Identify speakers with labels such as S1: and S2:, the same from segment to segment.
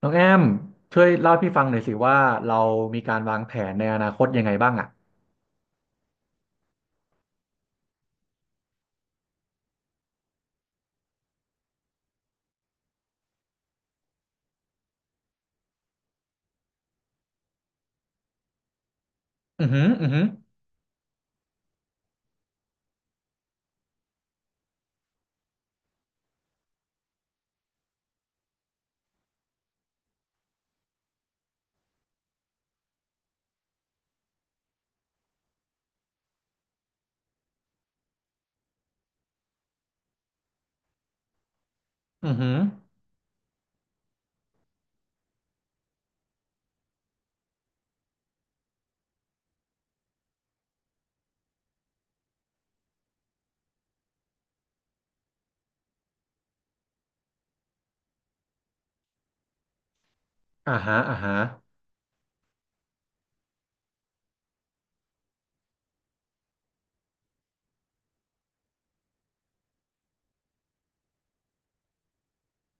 S1: น้องแอมช่วยเล่าให้พี่ฟังหน่อยสิว่าเรามีการวางแผนในอนาคตยังไงบ้างอ่ะอือหืออือหืออือหืออ่าฮะอ่าฮะ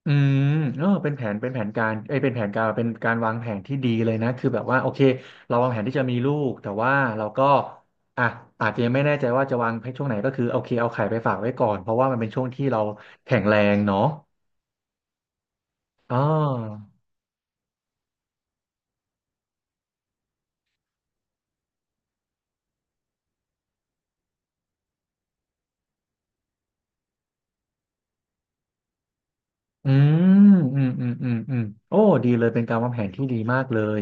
S1: อืมเออเป็นแผนเป็นแผนการเอ้ยเป็นแผนการเป็นการวางแผนที่ดีเลยนะคือแบบว่าโอเคเราวางแผนที่จะมีลูกแต่ว่าเราก็อ่ะอาจจะยังไม่แน่ใจว่าจะวางในช่วงไหนก็คือโอเคเอาไข่ไปฝากไว้ก่อนเพราะว่ามันเป็นช่วงที่เราแข็งแรงเนาะอ๋ออืมอืมอืมอืมอืมโอ้ดีเลยเป็นการวางแผนที่ดีมากเลย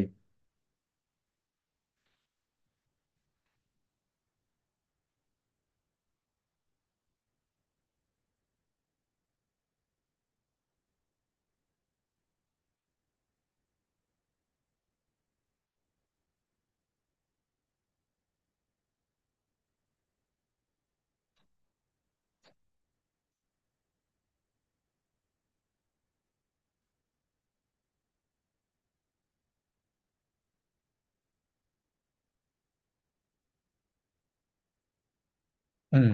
S1: อืม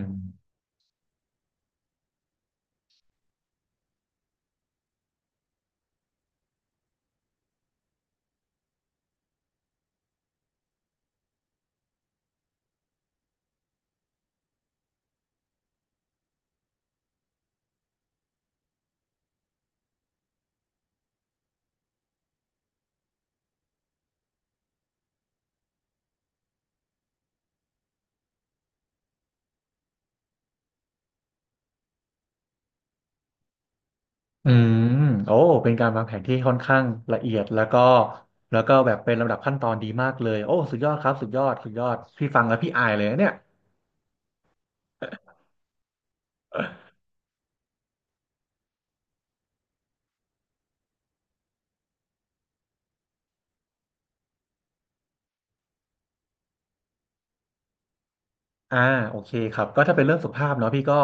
S1: อืมโอ้เป็นการวางแผนที่ค่อนข้างละเอียดแล้วก็แล้วก็แบบเป็นลำดับขั้นตอนดีมากเลยโอ้สุดยอดครับสุดยอดสุดยอดพี่ฟังแล้วพี่อายเลยนะเนี่ย อ่าโอเคครับก็ถ้าเป็นเรื่องสุขภาพเนาะพี่ก็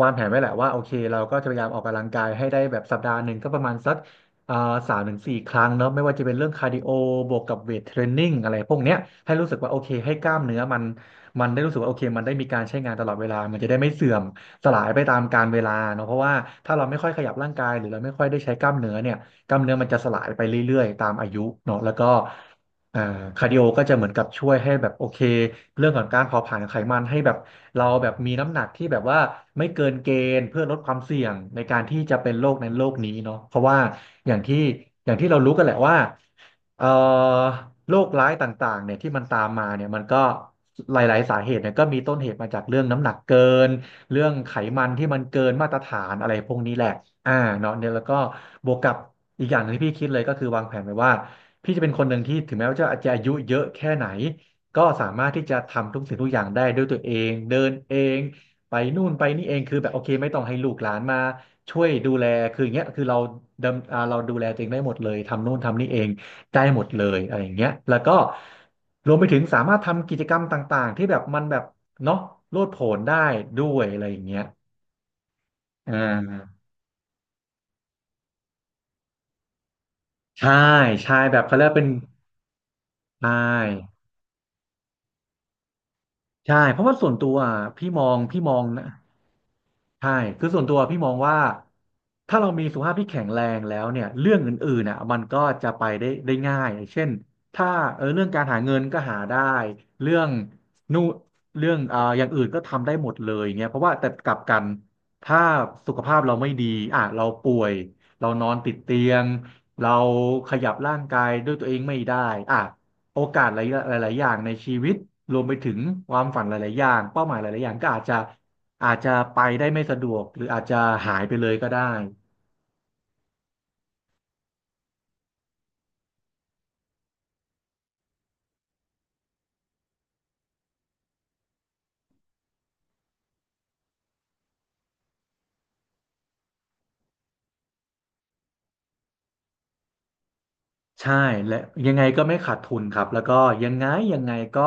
S1: วางแผนไว้แหละว่าโอเคเราก็จะพยายามออกกำลังกายให้ได้แบบสัปดาห์หนึ่งก็ประมาณสักอ่าสามถึงสี่ครั้งเนาะไม่ว่าจะเป็นเรื่องคาร์ดิโอบวกกับเวทเทรนนิ่งอะไรพวกเนี้ยให้รู้สึกว่าโอเคให้กล้ามเนื้อมันได้รู้สึกว่าโอเคมันได้มีการใช้งานตลอดเวลามันจะได้ไม่เสื่อมสลายไปตามกาลเวลาเนาะเพราะว่าถ้าเราไม่ค่อยขยับร่างกายหรือเราไม่ค่อยได้ใช้กล้ามเนื้อเนี่ยกล้ามเนื้อมันจะสลายไปเรื่อยๆตามอายุเนาะแล้วก็ อ่าคาร์ดิโอก็จะเหมือนกับช่วยให้แบบโอเคเรื่องของการเผาผลาญไขมันให้แบบเราแบบมีน้ำหนักที่แบบว่าไม่เกินเกณฑ์เพื่อลดความเสี่ยงในการที่จะเป็นโรคนั้นโรคนี้เนาะเพราะว่าอย่างที่อย่างที่เรารู้กันแหละว่าเอ่อโรคร้ายต่างๆเนี่ยที่มันตามมาเนี่ยมันก็หลายๆสาเหตุเนี่ยก็มีต้นเหตุมาจากเรื่องน้ำหนักเกินเรื่องไขมันที่มันเกินมาตรฐานอะไรพวกนี้แหละอ่าเนาะเนี่ยแล้วก็บวกกับอีกอย่างหนึงที่พี่คิดเลยก็คือวางแผนไว้ว่า พี่จะเป็นคนหนึ่งที่ถึงแม้ว่าจะอาจจะอายุเยอะแค่ไหนก็สามารถที่จะทำทุกสิ่งทุกอย่างได้ด้วยตัวเองเดินเองไปนู่นไปนี่เองคือแบบโอเคไม่ต้องให้ลูกหลานมาช่วยดูแลคืออย่างเงี้ยคือเราดำอ่าเราดูแลตัวเองได้หมดเลยทำนู่นทำนี่เองได้หมดเลยอะไรอย่างเงี้ยแล้วก็รวมไปถึงสามารถทำกิจกรรมต่างๆที่แบบมันแบบเนาะโลดโผนได้ด้วยอะไรอย่างเงี้ยอ่าใช่ใช่แบบเขาเรียกว่าเป็นใช่ใช่เพราะว่าส่วนตัวอ่ะพี่มองนะ ใช่คือส่วนตัวพี่มองว่าถ้าเรามีสุขภาพที่แข็งแรงแล้วเนี่ยเรื่องอื่นๆน่ะมันก็จะไปได้ได้ง่ายเช่นถ้าเออเรื่องการหาเงินก็หาได้เรื่องนู่นเรื่องอย่างอื่นก็ทำได้หมดเลยเงี้ยเพราะว่าแต่กลับกันถ้าสุขภาพเราไม่ดีอ่ะเราป่วยเรานอนติดเตียงเราขยับร่างกายด้วยตัวเองไม่ได้อ่ะโอกาสหลายหลายๆอย่างในชีวิตรวมไปถึงความฝันหลายๆอย่างเป้าหมายหลายๆอย่างก็อาจจะ อาจจะไปได้ไม่สะดวกหรืออาจจะหายไปเลยก็ได้ใช่และยังไงก็ไม่ขาดทุนครับแล้วก็ยังไงยังไงก็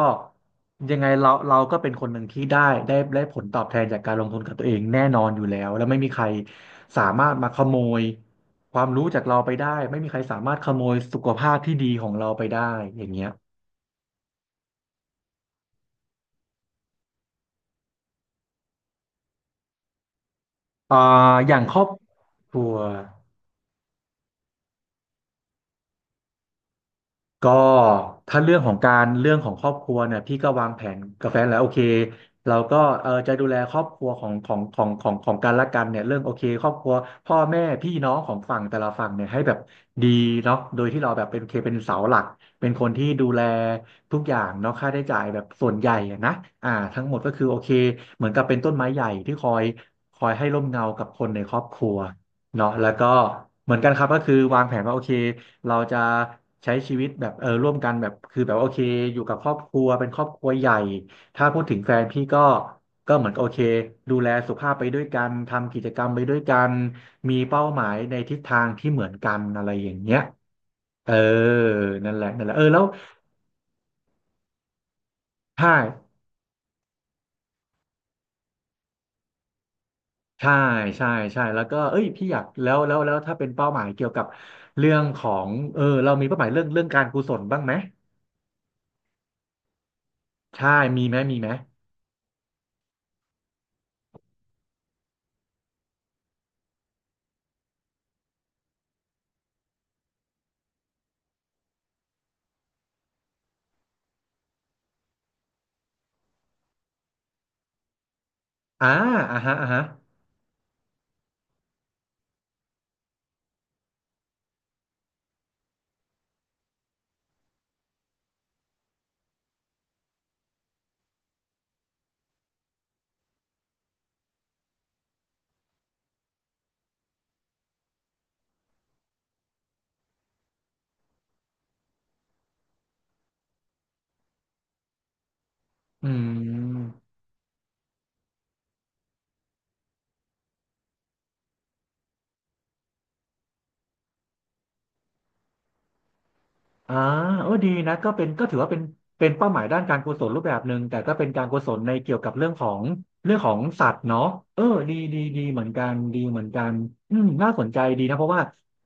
S1: ยังไงเราก็เป็นคนหนึ่งที่ได้ได้ผลตอบแทนจากการลงทุนกับตัวเองแน่นอนอยู่แล้วแล้วไม่มีใครสามารถมาขโมยความรู้จากเราไปได้ไม่มีใครสามารถขโมยสุขภาพที่ดีของเราไปได้อย่างเงี้ยอ่าอย่างครอบครัว ก็ถ้าเรื่องของการเรื่องของครอบครัวเนี่ยพี่ก็วางแผนกับแฟนแล้วโอเคเราก็เออจะดูแลครอบครัวของกันและกันเนี่ยเรื่องโอเคครอบครัวพ่อแม่พี่น้องของฝั่งแต่ละฝั่งเนี่ยให้แบบดีเนาะโดยที่เราแบบเป็นโอเคเป็นเสาหลักเป็นคนที่ดูแลทุกอย่างเนาะค่าใช้จ่ายแบบส่วนใหญ่อะนะอ่าทั้งหมดก็คือโอเคเหมือนกับเป็นต้นไม้ใหญ่ที่คอยให้ร่มเงากับคนในครอบครัว เนาะแล้วก็เหมือนกันครับก็คือวางแผนว่าโอเคเราจะใช้ชีวิตแบบร่วมกันแบบคือแบบว่าโอเคอยู่กับครอบครัวเป็นครอบครัวใหญ่ถ้าพูดถึงแฟนพี่ก็เหมือนกับโอเคดูแลสุขภาพไปด้วยกันทำกิจกรรมไปด้วยกันมีเป้าหมายในทิศทางที่เหมือนกันอะไรอย่างเงี้ยเออนั่นแหละนั่นแหละเออแล้วใช่ใช่ใช่ใช่แล้วก็เอ้ยพี่อยากแล้วถ้าเป็นเป้าหมายเกี่ยวกับเรื่องของเรามีเป้าหมายเรื่องการกุศลบ้างไหม ใช่มีไหมมีไหมอ่าอ่าฮะอ่าฮะอืมอ่าเออดีนะก็เป็นก็ถือว่าเป็นเป็นเป้าหมายด้านการกุศลรูปแบบหนึ่งแต่ก็เป็นการกุศลในเกี่ยวกับเรื่องของเรื่องของสัตว์เนาะเออดีดีดีเหมือนกันดีเหมือนกันอืมน่าสนใจดีนะเพราะว่า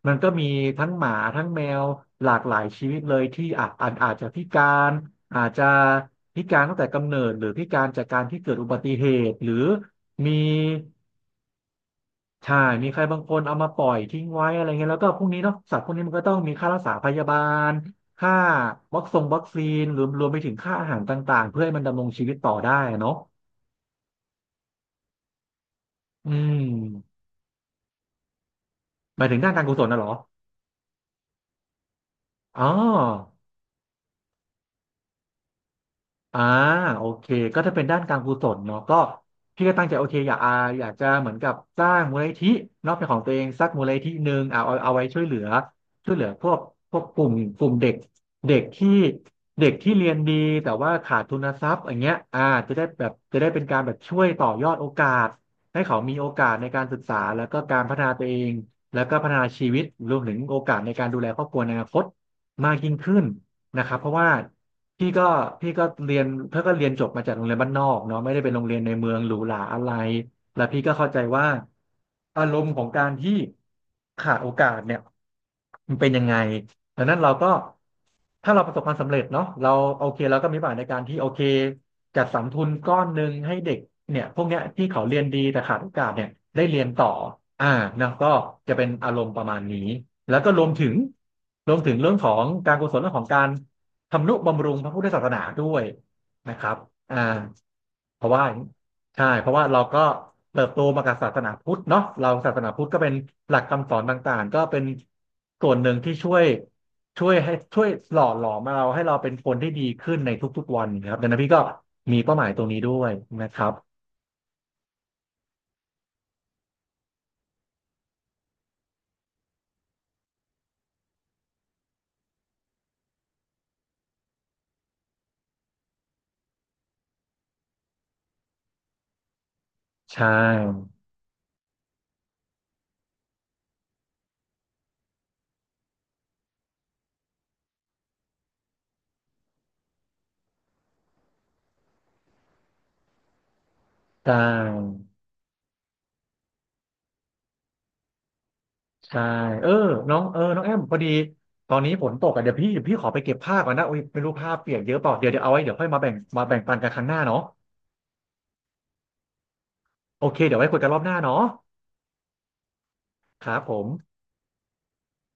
S1: มันก็มีทั้งหมาทั้งแมวหลากหลายชีวิตเลยที่อาจจะพิการอาจจะพิการตั้งแต่กำเนิดหรือพิการจากการที่เกิดอุบัติเหตุหรือมี ใช่มีใครบางคนเอามาปล่อยทิ้งไว้อะไรเงี้ยแล้วก็พวกนี้เนาะสัตว์พวกนี้มันก็ต้องมีค่ารักษาพยาบาลค่าวัคซีนรวมไปถึงค่าอาหารต่างๆเพื่อให้มันดำรงชีวิตต่อได้อะเนาะอืมหมายถึงด้านการกุศลนะเหรออ๋อ อ่าโอเคก็ถ้าเป็นด้านการกุศลเนาะก็พี่ก็ตั้งใจโอเคอยากอยากจะเหมือนกับสร้างมูลนิธิเป็นของตัวเองสักมูลนิธิหนึ่งเอาไว้ช่วยเหลือช่วยเหลือพวกกลุ่มเด็กเด็กที่เด็กที่เรียนดีแต่ว่าขาดทุนทรัพย์อย่างเงี้ยอ่าจะได้แบบจะได้เป็นการแบบช่วยต่อยอดโอกาสให้เขามีโอกาสในการศึกษาแล้วก็การพัฒนาตัวเองแล้วก็พัฒนาชีวิตรวมถึงโอกาสในการดูแลครอบครัวในอนาคตมากยิ่งขึ้น นะครับเพราะว่าพี่ก็พี่ก็เรียนเพื่อก็เรียนจบมาจากโรงเรียนบ้านนอกเนาะไม่ได้เป็นโรงเรียนในเมืองหรูหราอะไรแล้วพี่ก็เข้าใจว่าอารมณ์ของการที่ขาดโอกาสเนี่ยมันเป็นยังไง ดังนั้นเราก็ถ้าเราประสบความสำเร็จเนาะเราโอเคเราก็มีบาทในการที่โอเคจัดสรรทุนก้อนหนึ่งให้เด็กเนี่ยพวกเนี้ยที่เขาเรียนดีแต่ขาดโอกาสเนี่ยได้เรียนต่ออ่านะก็จะเป็นอารมณ์ประมาณนี้แล้วก็รวมถึงเรื่องของการกุศลเรื่องของการทำนุบำรุงพระพุทธศาสนาด้วยนะครับอ่าเพราะว่าใช่เพราะว่าเราก็เติบโตมากับศาสนาพุทธเนาะเราศาสนาพุทธก็เป็นหลักคำสอนต่างๆก็เป็นส่วนหนึ่งที่ช่วย ช่วยให้ช่วยหล่อหลอมเราให้เราเป็นคนที่ดีขึ้นในทุกๆวันนะครับดังนั้นพี่ก็มีเป้าหมายตรงนี้ด้วยนะครับใช่ใช่ใช่เออน้องน้องแอมพอดีตอนนี้ฝนตกอ่ะเดี๋ยวพี่ขอไปเก็บผ้าก่อนนะโอ้ยไม่รู้ผ้าเปียกเยอะเปล่าเดี๋ยวเอาไว้เดี๋ยวค่อยมาแบ่งมาแบ่งปันกันครั้งหน้าเนาะโอเคเดี๋ยวไว้คุยกันรอบหน้าเนาะครับผม